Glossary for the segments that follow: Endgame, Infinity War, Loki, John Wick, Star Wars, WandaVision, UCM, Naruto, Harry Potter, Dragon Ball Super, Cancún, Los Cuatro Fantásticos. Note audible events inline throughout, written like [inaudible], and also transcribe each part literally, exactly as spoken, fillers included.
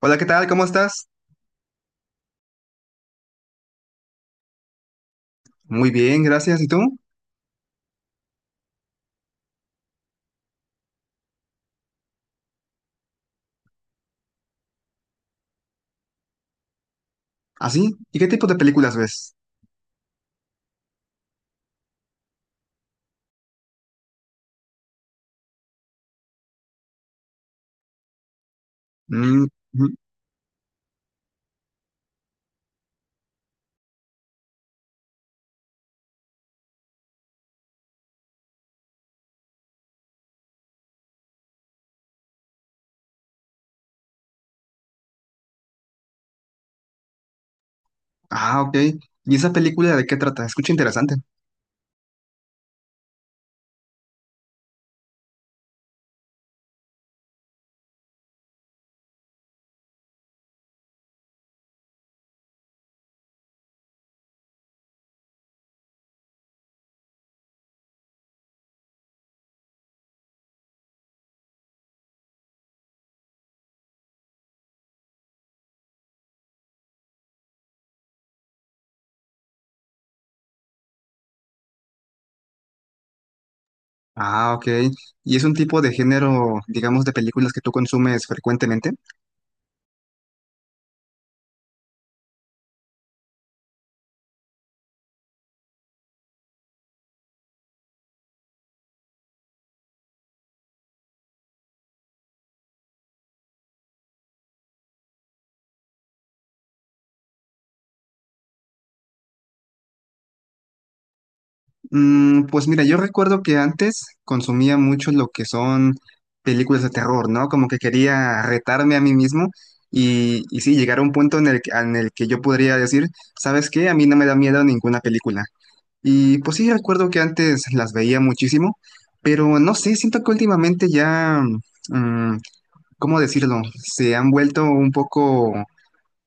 Hola, ¿qué tal? ¿Cómo estás? Muy bien, gracias. ¿Y tú? ¿Ah, sí? ¿Y qué tipo de películas ves? Mm, ujú. Ah, ok. ¿Y esa película de qué trata? Escucha interesante. Ah, ok. ¿Y es un tipo de género, digamos, de películas que tú consumes frecuentemente? Mm, pues mira, yo recuerdo que antes consumía mucho lo que son películas de terror, ¿no? Como que quería retarme a mí mismo y, y sí, llegar a un punto en el, que- en el que yo podría decir, ¿sabes qué? A mí no me da miedo ninguna película. Y pues sí, recuerdo que antes las veía muchísimo, pero no sé, siento que últimamente ya, mm, ¿cómo decirlo? Se han vuelto un poco,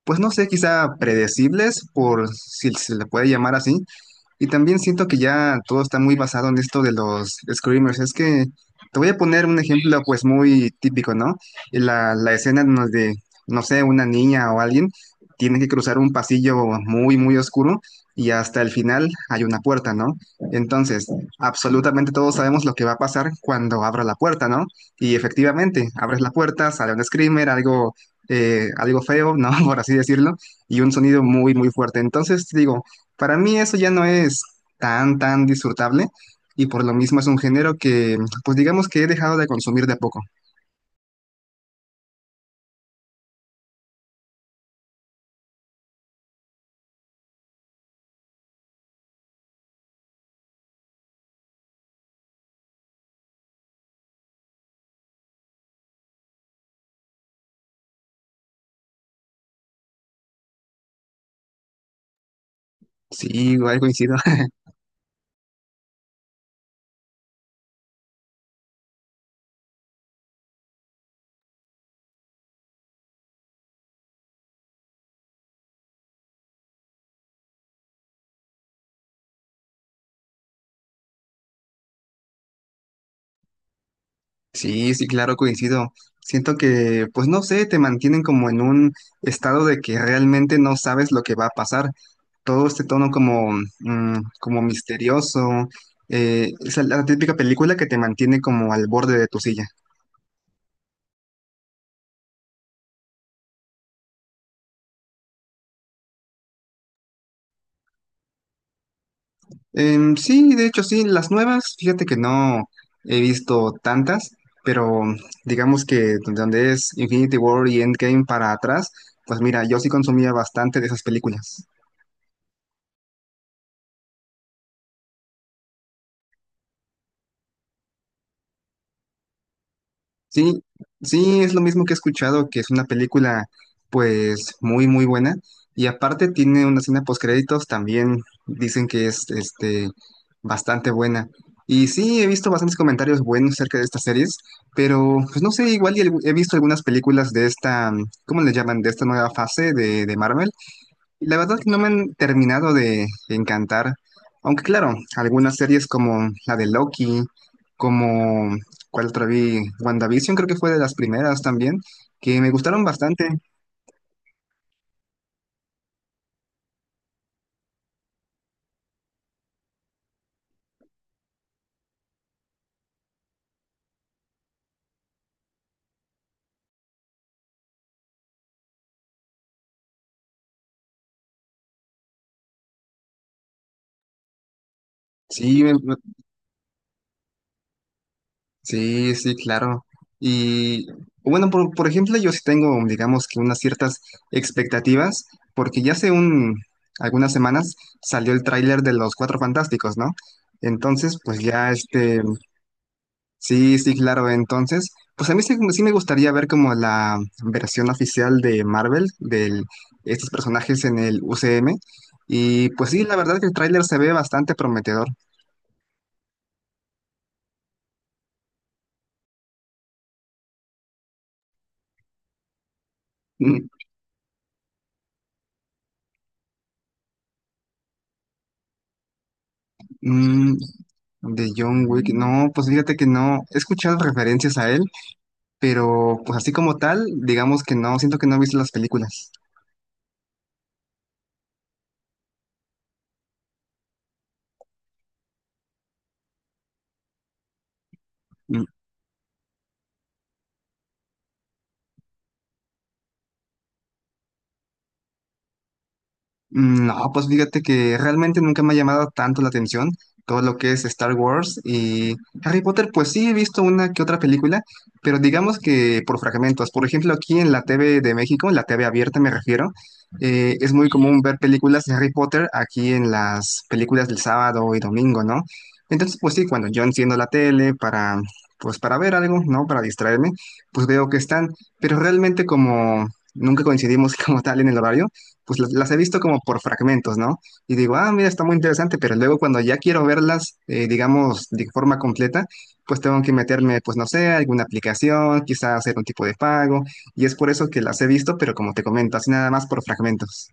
pues no sé, quizá predecibles, por si se le puede llamar así, y también siento que ya todo está muy basado en esto de los screamers. Es que te voy a poner un ejemplo pues muy típico, ¿no? La, la escena en donde, no sé, una niña o alguien tiene que cruzar un pasillo muy, muy oscuro y hasta el final hay una puerta, ¿no? Entonces, absolutamente todos sabemos lo que va a pasar cuando abra la puerta, ¿no? Y efectivamente, abres la puerta, sale un screamer, algo eh, algo feo, ¿no? [laughs] Por así decirlo, y un sonido muy, muy fuerte. Entonces, digo, para mí eso ya no es tan, tan disfrutable y por lo mismo es un género que, pues digamos que he dejado de consumir de a poco. Sí, igual coincido. [laughs] Sí, sí, claro, coincido. Siento que, pues no sé, te mantienen como en un estado de que realmente no sabes lo que va a pasar. Todo este tono como, mm, como misterioso. Eh, es la típica película que te mantiene como al borde de tu silla. Em, sí, de hecho, sí, las nuevas, fíjate que no he visto tantas, pero digamos que donde donde es Infinity War y Endgame para atrás, pues mira, yo sí consumía bastante de esas películas. Sí, sí, es lo mismo que he escuchado, que es una película pues muy, muy buena. Y aparte tiene una escena postcréditos, también dicen que es este bastante buena. Y sí, he visto bastantes comentarios buenos acerca de estas series, pero pues no sé, igual y el- he visto algunas películas de esta, ¿cómo le llaman? De esta nueva fase de, de Marvel. La verdad que no me han terminado de encantar, aunque claro, algunas series como la de Loki, como cuál otra vi, WandaVision creo que fue de las primeras también, que me gustaron bastante. Sí, me- me- sí, sí, claro. Y bueno, por, por ejemplo, yo sí tengo, digamos que unas ciertas expectativas, porque ya hace un, algunas semanas salió el tráiler de Los Cuatro Fantásticos, ¿no? Entonces, pues ya este, sí, sí, claro. Entonces, pues a mí sí, sí me gustaría ver como la versión oficial de Marvel, de estos personajes en el U C M. Y pues sí, la verdad que el tráiler se ve bastante prometedor. Mm, mm, de John Wick, no, pues fíjate que no, he escuchado referencias a él, pero pues así como tal, digamos que no, siento que no he visto las películas. Mm, No, pues fíjate que realmente nunca me ha llamado tanto la atención todo lo que es Star Wars y Harry Potter, pues sí he visto una que otra película, pero digamos que por fragmentos. Por ejemplo, aquí en la T V de México, en la T V abierta me refiero, eh, es muy común ver películas de Harry Potter aquí en las películas del sábado y domingo, ¿no? Entonces, pues sí, cuando yo enciendo la tele para, pues para ver algo, ¿no? Para distraerme, pues veo que están, pero realmente como nunca coincidimos [laughs] como tal en el horario pues las, las he visto como por fragmentos, ¿no? Y digo, ah, mira, está muy interesante, pero luego cuando ya quiero verlas, eh, digamos, de forma completa, pues tengo que meterme, pues no sé, a alguna aplicación, quizá hacer un tipo de pago, y es por eso que las he visto, pero como te comento, así nada más por fragmentos.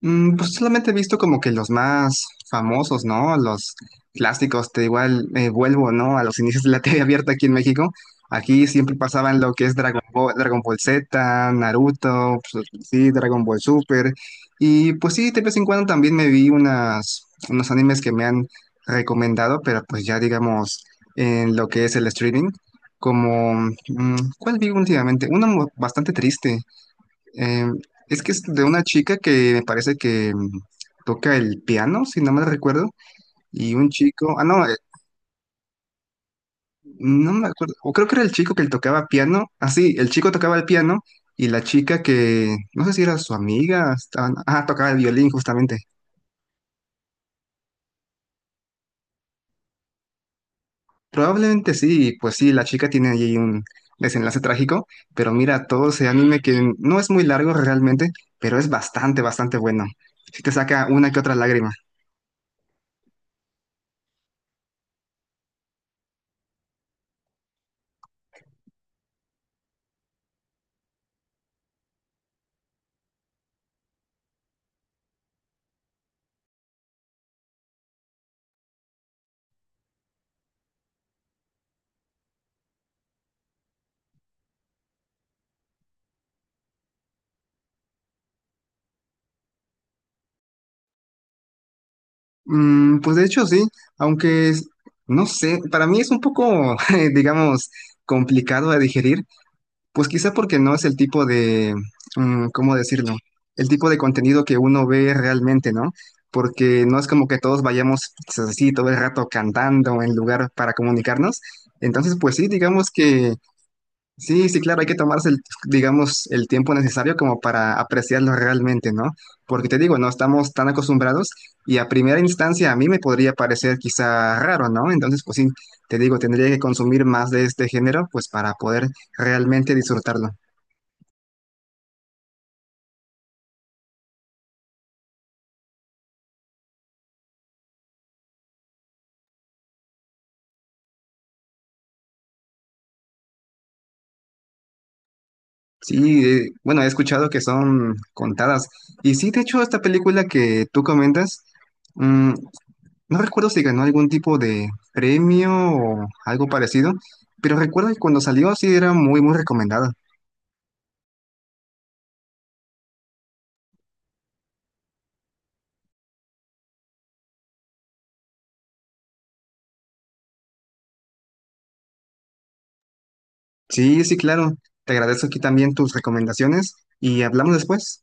Mm, Pues solamente he visto como que los más famosos, ¿no? Los clásicos, te igual eh, vuelvo, ¿no? A los inicios de la T V abierta aquí en México. Aquí siempre pasaban lo que es Dragon Ball, Dragon Ball Z, Naruto, pues, sí, Dragon Ball Super. Y pues sí, de vez en cuando también me vi unas, unos animes que me han recomendado, pero pues ya digamos en lo que es el streaming. Como, mm, ¿cuál vi últimamente? Uno mu- bastante triste. Eh, es que es de una chica que me parece que mm, toca el piano, si no me recuerdo, y un chico, ah, no, eh, no me acuerdo, o creo que era el chico que tocaba piano, ah, sí, el chico tocaba el piano y la chica que, no sé si era su amiga, estaban- ah, tocaba el violín justamente. Probablemente sí, pues sí, la chica tiene allí un desenlace trágico, pero mira, todo ese anime que no es muy largo realmente, pero es bastante, bastante bueno. Si te saca una que otra lágrima. Mm, pues de hecho sí, aunque es- no sé, para mí es un poco, [laughs] eh, digamos, complicado de digerir, pues quizá porque no es el tipo de, mm, ¿cómo decirlo? El tipo de contenido que uno ve realmente, ¿no? Porque no es como que todos vayamos pues, así todo el rato cantando en lugar para comunicarnos. Entonces, pues sí, digamos que sí, sí, claro, hay que tomarse, el, digamos, el tiempo necesario como para apreciarlo realmente, ¿no? Porque te digo, no estamos tan acostumbrados y a primera instancia a mí me podría parecer quizá raro, ¿no? Entonces, pues sí, te digo, tendría que consumir más de este género, pues para poder realmente disfrutarlo. Sí, eh, bueno, he escuchado que son contadas. Y sí, de hecho, esta película que tú comentas, mm, no recuerdo si ganó algún tipo de premio o algo parecido, pero recuerdo que cuando salió sí era muy, muy recomendada. Sí, sí, claro. Te agradezco aquí también tus recomendaciones y hablamos después.